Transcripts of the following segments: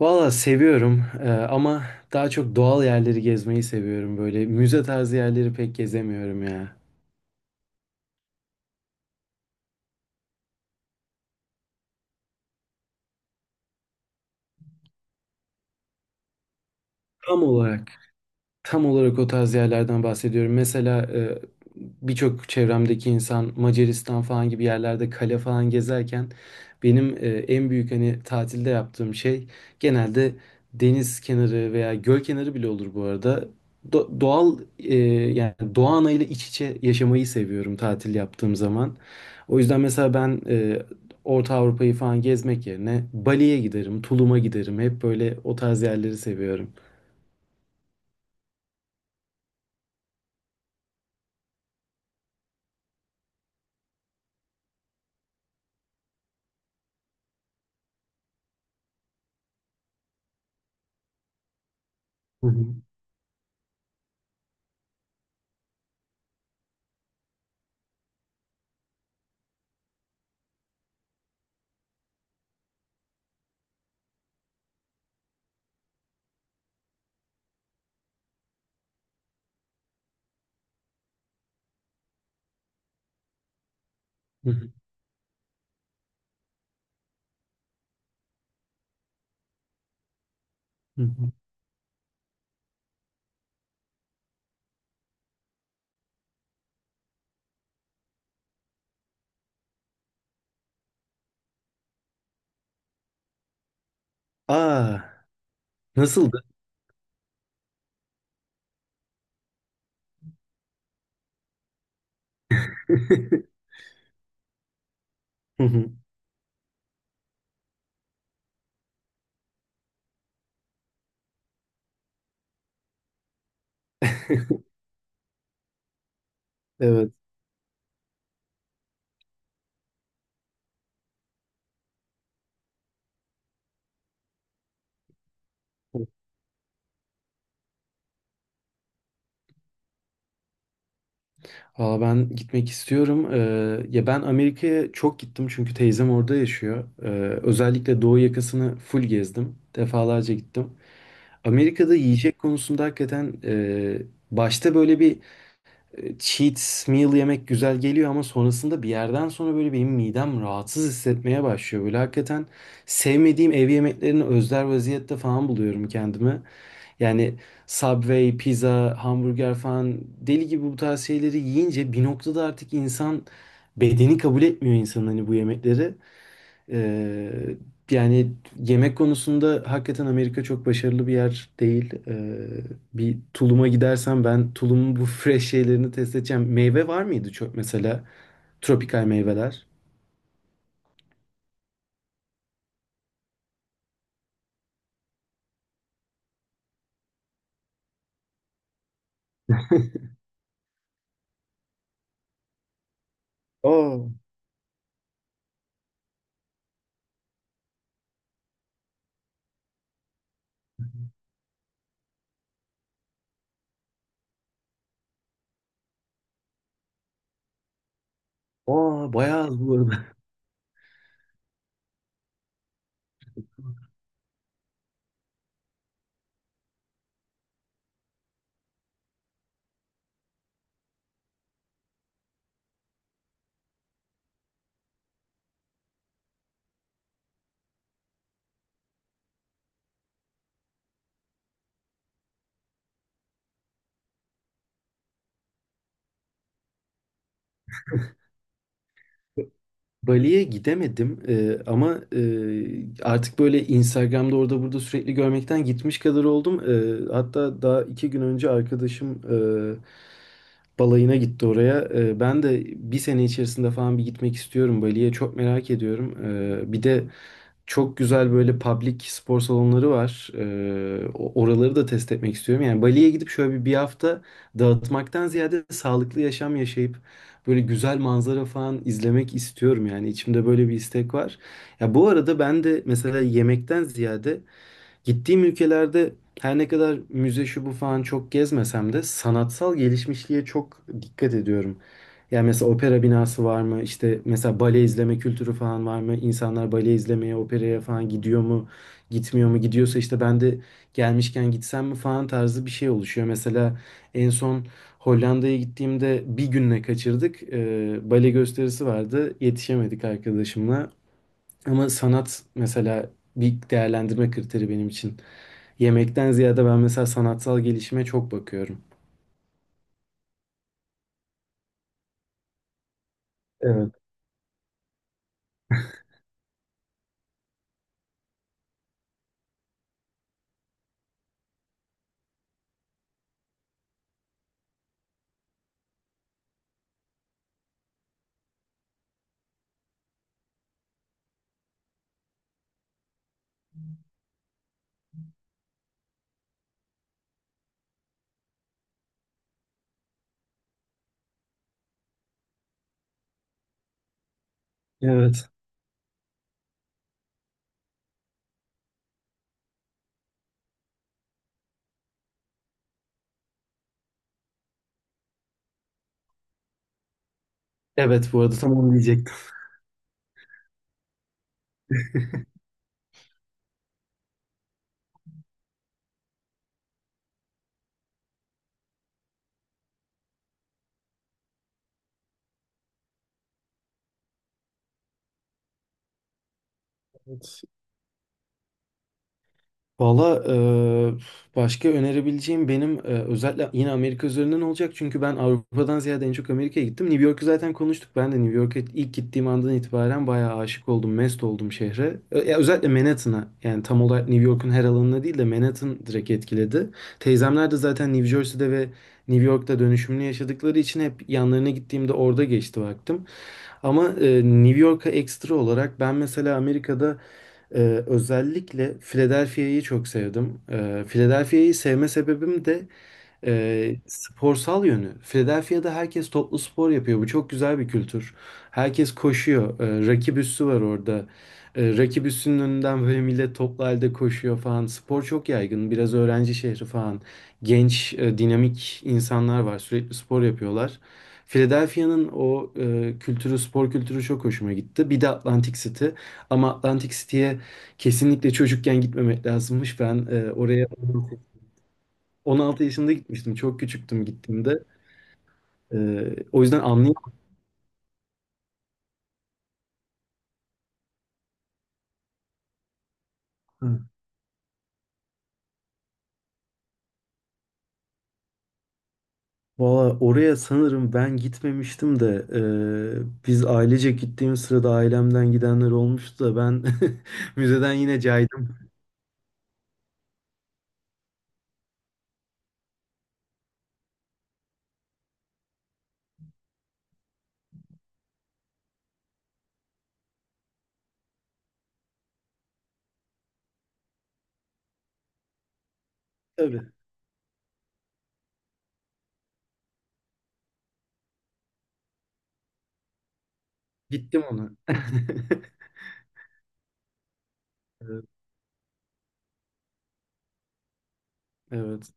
Valla seviyorum ama daha çok doğal yerleri gezmeyi seviyorum. Böyle müze tarzı yerleri pek gezemiyorum ya. Tam olarak. Tam olarak o tarz yerlerden bahsediyorum. Mesela birçok çevremdeki insan Macaristan falan gibi yerlerde kale falan gezerken benim en büyük hani tatilde yaptığım şey genelde deniz kenarı veya göl kenarı bile olur bu arada. Doğal yani doğa anayla iç içe yaşamayı seviyorum tatil yaptığım zaman. O yüzden mesela ben Orta Avrupa'yı falan gezmek yerine Bali'ye giderim, Tulum'a giderim. Hep böyle o tarz yerleri seviyorum. Hı hı. Hı hı. Hı hı. Aa, nasıldı? Hı hı. Evet. Aa, ben gitmek istiyorum. Ya ben Amerika'ya çok gittim çünkü teyzem orada yaşıyor. Özellikle doğu yakasını full gezdim. Defalarca gittim. Amerika'da yiyecek konusunda hakikaten başta böyle bir cheat meal yemek güzel geliyor ama sonrasında bir yerden sonra böyle benim midem rahatsız hissetmeye başlıyor. Böyle hakikaten sevmediğim ev yemeklerini özler vaziyette falan buluyorum kendimi. Yani Subway, pizza, hamburger falan deli gibi bu tarz şeyleri yiyince bir noktada artık insan bedeni kabul etmiyor insanın hani bu yemekleri. Ee, yani yemek konusunda hakikaten Amerika çok başarılı bir yer değil. Bir Tulum'a gidersem ben Tulum'un bu fresh şeylerini test edeceğim. Meyve var mıydı çok mesela? Tropikal meyveler. Aa, aa bayağı az bu arada. Bali'ye gidemedim. Ama artık böyle Instagram'da orada burada sürekli görmekten gitmiş kadar oldum. Hatta daha iki gün önce arkadaşım balayına gitti oraya. Ben de bir sene içerisinde falan bir gitmek istiyorum Bali'ye. Çok merak ediyorum. Bir de çok güzel böyle public spor salonları var. Oraları da test etmek istiyorum. Yani Bali'ye gidip şöyle bir hafta dağıtmaktan ziyade sağlıklı yaşam yaşayıp böyle güzel manzara falan izlemek istiyorum yani içimde böyle bir istek var. Ya bu arada ben de mesela yemekten ziyade gittiğim ülkelerde her ne kadar müze şu bu falan çok gezmesem de sanatsal gelişmişliğe çok dikkat ediyorum. Yani mesela opera binası var mı? İşte mesela bale izleme kültürü falan var mı? İnsanlar bale izlemeye, operaya falan gidiyor mu? Gitmiyor mu? Gidiyorsa işte ben de gelmişken gitsem mi falan tarzı bir şey oluşuyor. Mesela en son Hollanda'ya gittiğimde bir günle kaçırdık. Bale gösterisi vardı. Yetişemedik arkadaşımla. Ama sanat mesela bir değerlendirme kriteri benim için. Yemekten ziyade ben mesela sanatsal gelişime çok bakıyorum. Evet. Evet. Evet, bu arada tamam diyecektim. Evet. Valla başka önerebileceğim benim özellikle yine Amerika üzerinden olacak. Çünkü ben Avrupa'dan ziyade en çok Amerika'ya gittim. New York'u zaten konuştuk. Ben de New York'a ilk gittiğim andan itibaren bayağı aşık oldum, mest oldum şehre. Ya özellikle Manhattan'a, yani tam olarak New York'un her alanına değil de Manhattan direkt etkiledi. Teyzemler de zaten New Jersey'de ve New York'ta dönüşümlü yaşadıkları için hep yanlarına gittiğimde orada geçti vaktim. Ama New York'a ekstra olarak ben mesela Amerika'da özellikle Philadelphia'yı çok sevdim. Philadelphia'yı sevme sebebim de sporsal yönü. Philadelphia'da herkes toplu spor yapıyor. Bu çok güzel bir kültür. Herkes koşuyor. Rakip üssü var orada. Rakip üssünün önünden böyle millet toplu halde koşuyor falan. Spor çok yaygın. Biraz öğrenci şehri falan. Genç, dinamik insanlar var. Sürekli spor yapıyorlar. Philadelphia'nın o kültürü, spor kültürü çok hoşuma gitti. Bir de Atlantic City. Ama Atlantic City'ye kesinlikle çocukken gitmemek lazımmış. Ben oraya 16 yaşında gitmiştim. Çok küçüktüm gittiğimde. O yüzden anlayamadım. Hı. Valla oraya sanırım ben gitmemiştim de biz ailece gittiğim sırada ailemden gidenler olmuştu da ben müzeden yine caydım. Tabii gittim ona. Evet. Evet.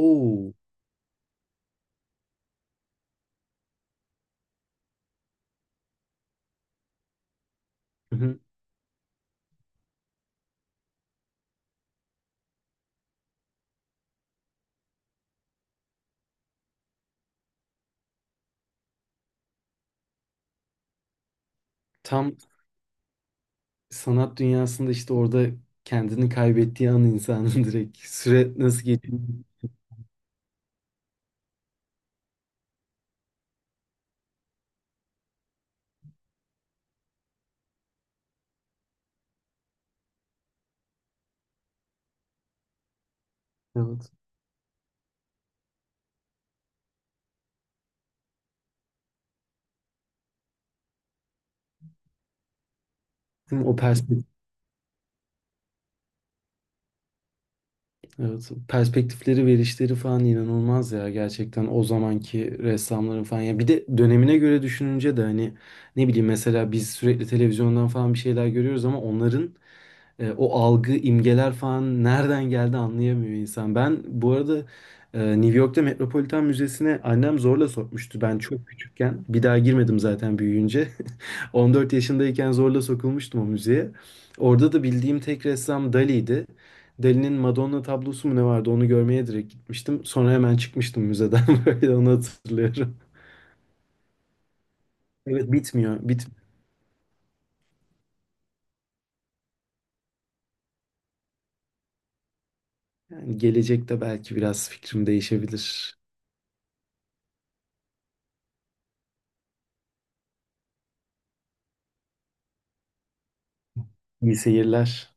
Oo. Hı hı. Tam sanat dünyasında işte orada kendini kaybettiği an insanın direkt süre nasıl geçtiğini. Evet. Değil mi? O perspektif. Evet, perspektifleri, verişleri falan inanılmaz ya gerçekten o zamanki ressamların falan, ya bir de dönemine göre düşününce de hani ne bileyim mesela biz sürekli televizyondan falan bir şeyler görüyoruz ama onların o algı, imgeler falan nereden geldi anlayamıyor insan. Ben bu arada New York'ta Metropolitan Müzesi'ne annem zorla sokmuştu. Ben çok küçükken, bir daha girmedim zaten büyüyünce. 14 yaşındayken zorla sokulmuştum o müzeye. Orada da bildiğim tek ressam Dali'ydi. Dali'nin Madonna tablosu mu ne vardı, onu görmeye direkt gitmiştim. Sonra hemen çıkmıştım müzeden, böyle onu hatırlıyorum. Evet, bitmiyor, bitmiyor. Yani gelecekte belki biraz fikrim değişebilir. İyi seyirler.